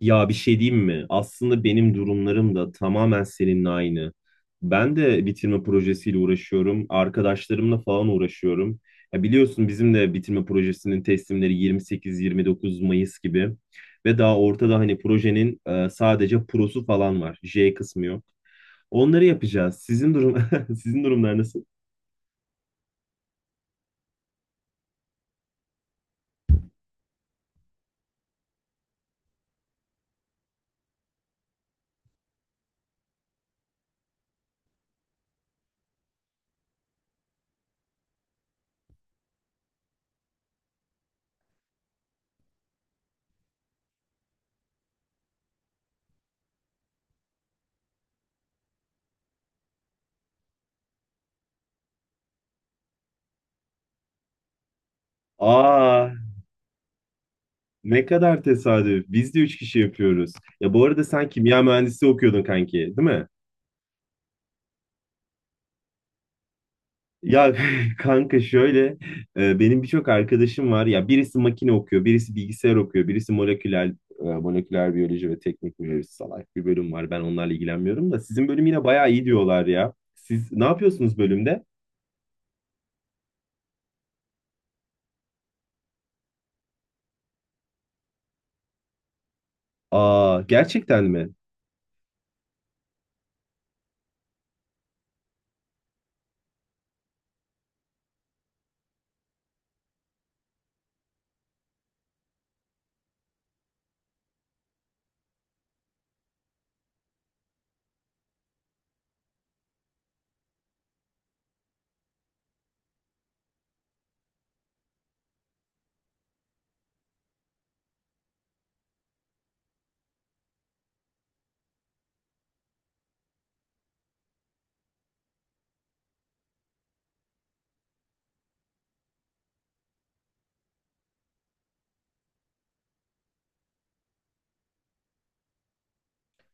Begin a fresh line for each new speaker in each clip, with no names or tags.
Ya bir şey diyeyim mi? Aslında benim durumlarım da tamamen seninle aynı. Ben de bitirme projesiyle uğraşıyorum. Arkadaşlarımla falan uğraşıyorum. Ya biliyorsun bizim de bitirme projesinin teslimleri 28-29 Mayıs gibi. Ve daha ortada hani projenin sadece prosu falan var. J kısmı yok. Onları yapacağız. Sizin durum sizin durumlar nasıl? Aa, ne kadar tesadüf. Biz de 3 kişi yapıyoruz. Ya bu arada sen kimya mühendisi okuyordun kanki, değil mi? Ya kanka şöyle benim birçok arkadaşım var ya birisi makine okuyor birisi bilgisayar okuyor birisi moleküler biyoloji ve teknik biyoloji salak bir bölüm var ben onlarla ilgilenmiyorum da sizin bölüm yine bayağı iyi diyorlar ya siz ne yapıyorsunuz bölümde? Aa gerçekten mi?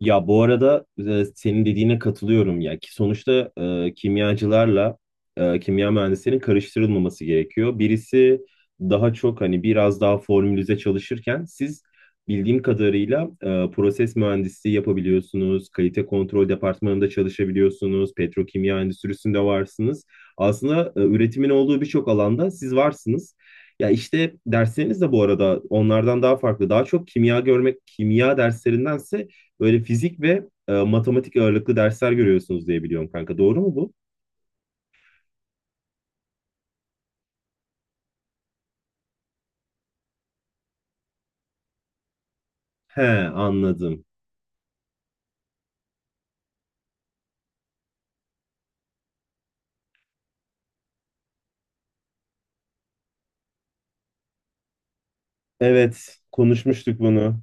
Ya bu arada senin dediğine katılıyorum ya ki sonuçta kimyacılarla kimya mühendislerinin karıştırılmaması gerekiyor. Birisi daha çok hani biraz daha formülize çalışırken siz bildiğim kadarıyla proses mühendisliği yapabiliyorsunuz, kalite kontrol departmanında çalışabiliyorsunuz, petrokimya endüstrisinde varsınız. Aslında üretimin olduğu birçok alanda siz varsınız. Ya işte dersleriniz de bu arada onlardan daha farklı. Daha çok kimya görmek, kimya derslerindense böyle fizik ve matematik ağırlıklı dersler görüyorsunuz diye biliyorum kanka. Doğru mu bu? He, anladım. Evet, konuşmuştuk bunu.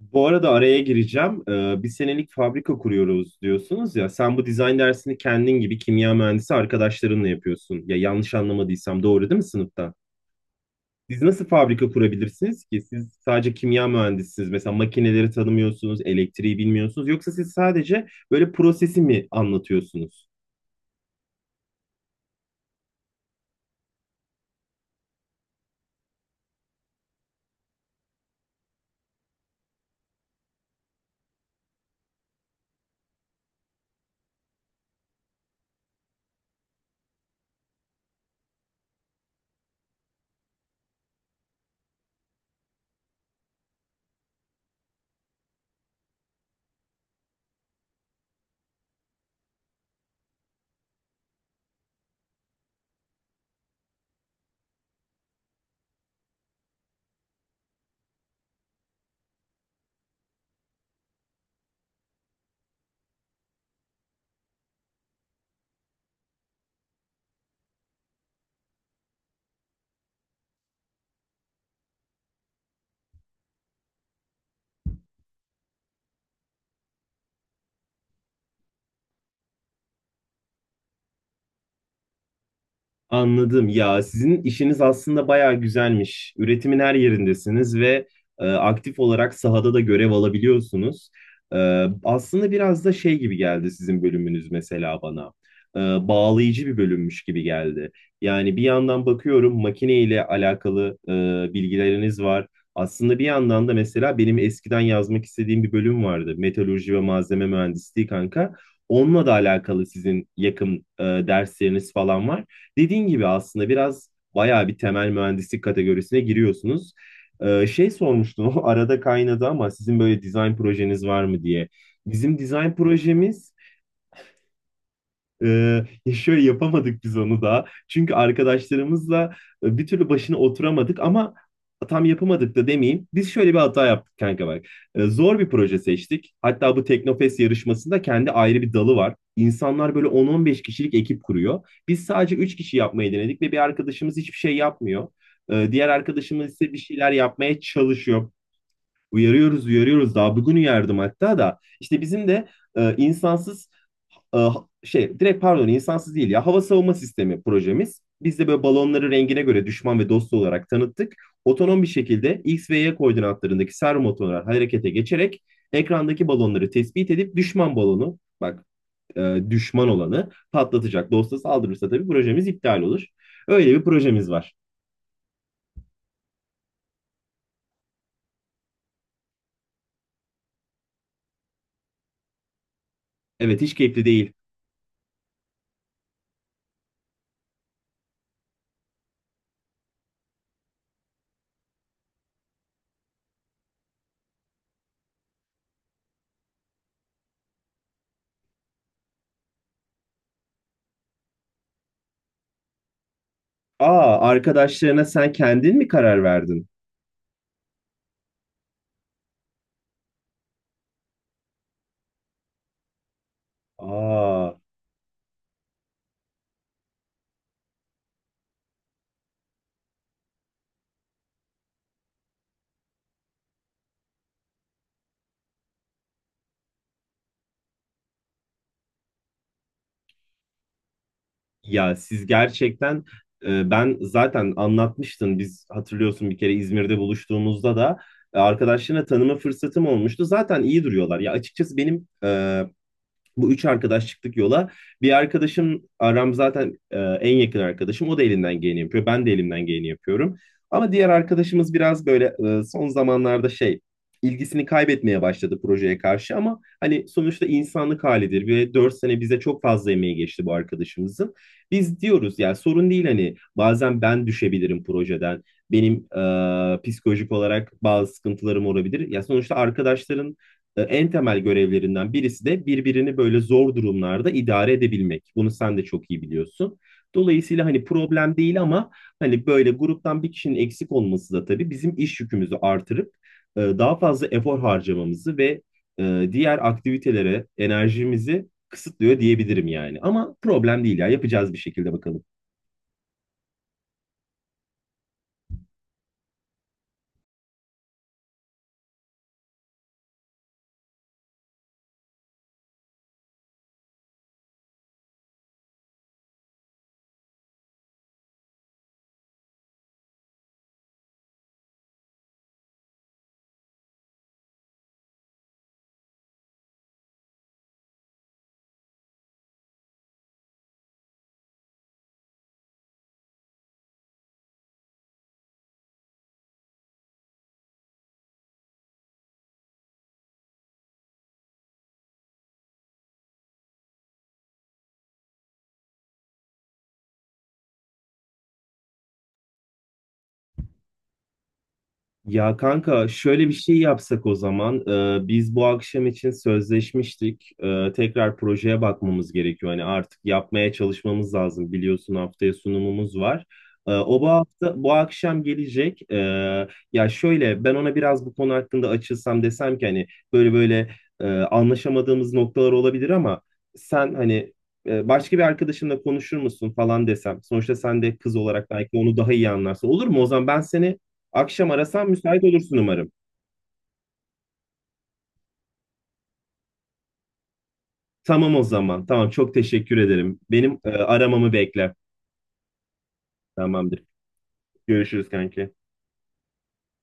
Bu arada araya gireceğim. Bir senelik fabrika kuruyoruz diyorsunuz ya. Sen bu dizayn dersini kendin gibi kimya mühendisi arkadaşlarınla yapıyorsun. Ya yanlış anlamadıysam doğru değil mi sınıfta? Siz nasıl fabrika kurabilirsiniz ki? Siz sadece kimya mühendisisiniz. Mesela makineleri tanımıyorsunuz, elektriği bilmiyorsunuz. Yoksa siz sadece böyle prosesi mi anlatıyorsunuz? Anladım. Ya sizin işiniz aslında bayağı güzelmiş. Üretimin her yerindesiniz ve aktif olarak sahada da görev alabiliyorsunuz. E, Aslında biraz da şey gibi geldi sizin bölümünüz mesela bana. E, Bağlayıcı bir bölümmüş gibi geldi. Yani bir yandan bakıyorum makine ile alakalı bilgileriniz var. Aslında bir yandan da mesela benim eskiden yazmak istediğim bir bölüm vardı. Meteoroloji ve malzeme mühendisliği kanka. Onunla da alakalı sizin yakın dersleriniz falan var. Dediğin gibi aslında biraz bayağı bir temel mühendislik kategorisine giriyorsunuz. Şey sormuştum, o arada kaynadı ama sizin böyle dizayn projeniz var mı diye. Bizim dizayn projemiz ya şöyle yapamadık biz onu da. Çünkü arkadaşlarımızla bir türlü başına oturamadık ama tam yapamadık da demeyeyim. Biz şöyle bir hata yaptık kanka bak. Zor bir proje seçtik. Hatta bu Teknofest yarışmasında kendi ayrı bir dalı var. İnsanlar böyle 10-15 kişilik ekip kuruyor. Biz sadece 3 kişi yapmayı denedik ve bir arkadaşımız hiçbir şey yapmıyor. Diğer arkadaşımız ise bir şeyler yapmaya çalışıyor. Uyarıyoruz, uyarıyoruz. Daha bugün uyardım hatta da. İşte bizim de insansız e, direkt pardon insansız değil ya hava savunma sistemi projemiz. Biz de böyle balonları rengine göre düşman ve dost olarak tanıttık. Otonom bir şekilde X ve Y koordinatlarındaki servo motorlar harekete geçerek ekrandaki balonları tespit edip düşman balonu bak e, düşman olanı patlatacak. Dosta saldırırsa tabii projemiz iptal olur. Öyle bir projemiz var. Evet hiç keyifli değil. Aa, arkadaşlarına sen kendin mi karar verdin? Aa, ya siz gerçekten ben zaten anlatmıştım biz hatırlıyorsun bir kere İzmir'de buluştuğumuzda da arkadaşlarına tanıma fırsatım olmuştu. Zaten iyi duruyorlar. Ya açıkçası benim bu üç arkadaş çıktık yola. Bir arkadaşım Aram zaten en yakın arkadaşım. O da elinden geleni yapıyor. Ben de elimden geleni yapıyorum. Ama diğer arkadaşımız biraz böyle son zamanlarda ilgisini kaybetmeye başladı projeye karşı ama hani sonuçta insanlık halidir ve 4 sene bize çok fazla emeği geçti bu arkadaşımızın. Biz diyoruz yani sorun değil hani bazen ben düşebilirim projeden. Benim psikolojik olarak bazı sıkıntılarım olabilir. Ya sonuçta arkadaşların en temel görevlerinden birisi de birbirini böyle zor durumlarda idare edebilmek. Bunu sen de çok iyi biliyorsun. Dolayısıyla hani problem değil ama hani böyle gruptan bir kişinin eksik olması da tabii bizim iş yükümüzü artırıp daha fazla efor harcamamızı ve diğer aktivitelere enerjimizi kısıtlıyor diyebilirim yani. Ama problem değil ya yapacağız bir şekilde bakalım. Ya kanka şöyle bir şey yapsak o zaman. Biz bu akşam için sözleşmiştik. Tekrar projeye bakmamız gerekiyor. Hani artık yapmaya çalışmamız lazım. Biliyorsun haftaya sunumumuz var. O bu hafta bu akşam gelecek. Ya şöyle ben ona biraz bu konu hakkında açılsam desem ki hani böyle böyle anlaşamadığımız noktalar olabilir ama sen hani başka bir arkadaşınla konuşur musun falan desem. Sonuçta sen de kız olarak belki onu daha iyi anlarsın. Olur mu? O zaman ben seni akşam arasam müsait olursun umarım. Tamam o zaman. Tamam çok teşekkür ederim. Benim aramamı bekle. Tamamdır. Görüşürüz kanki.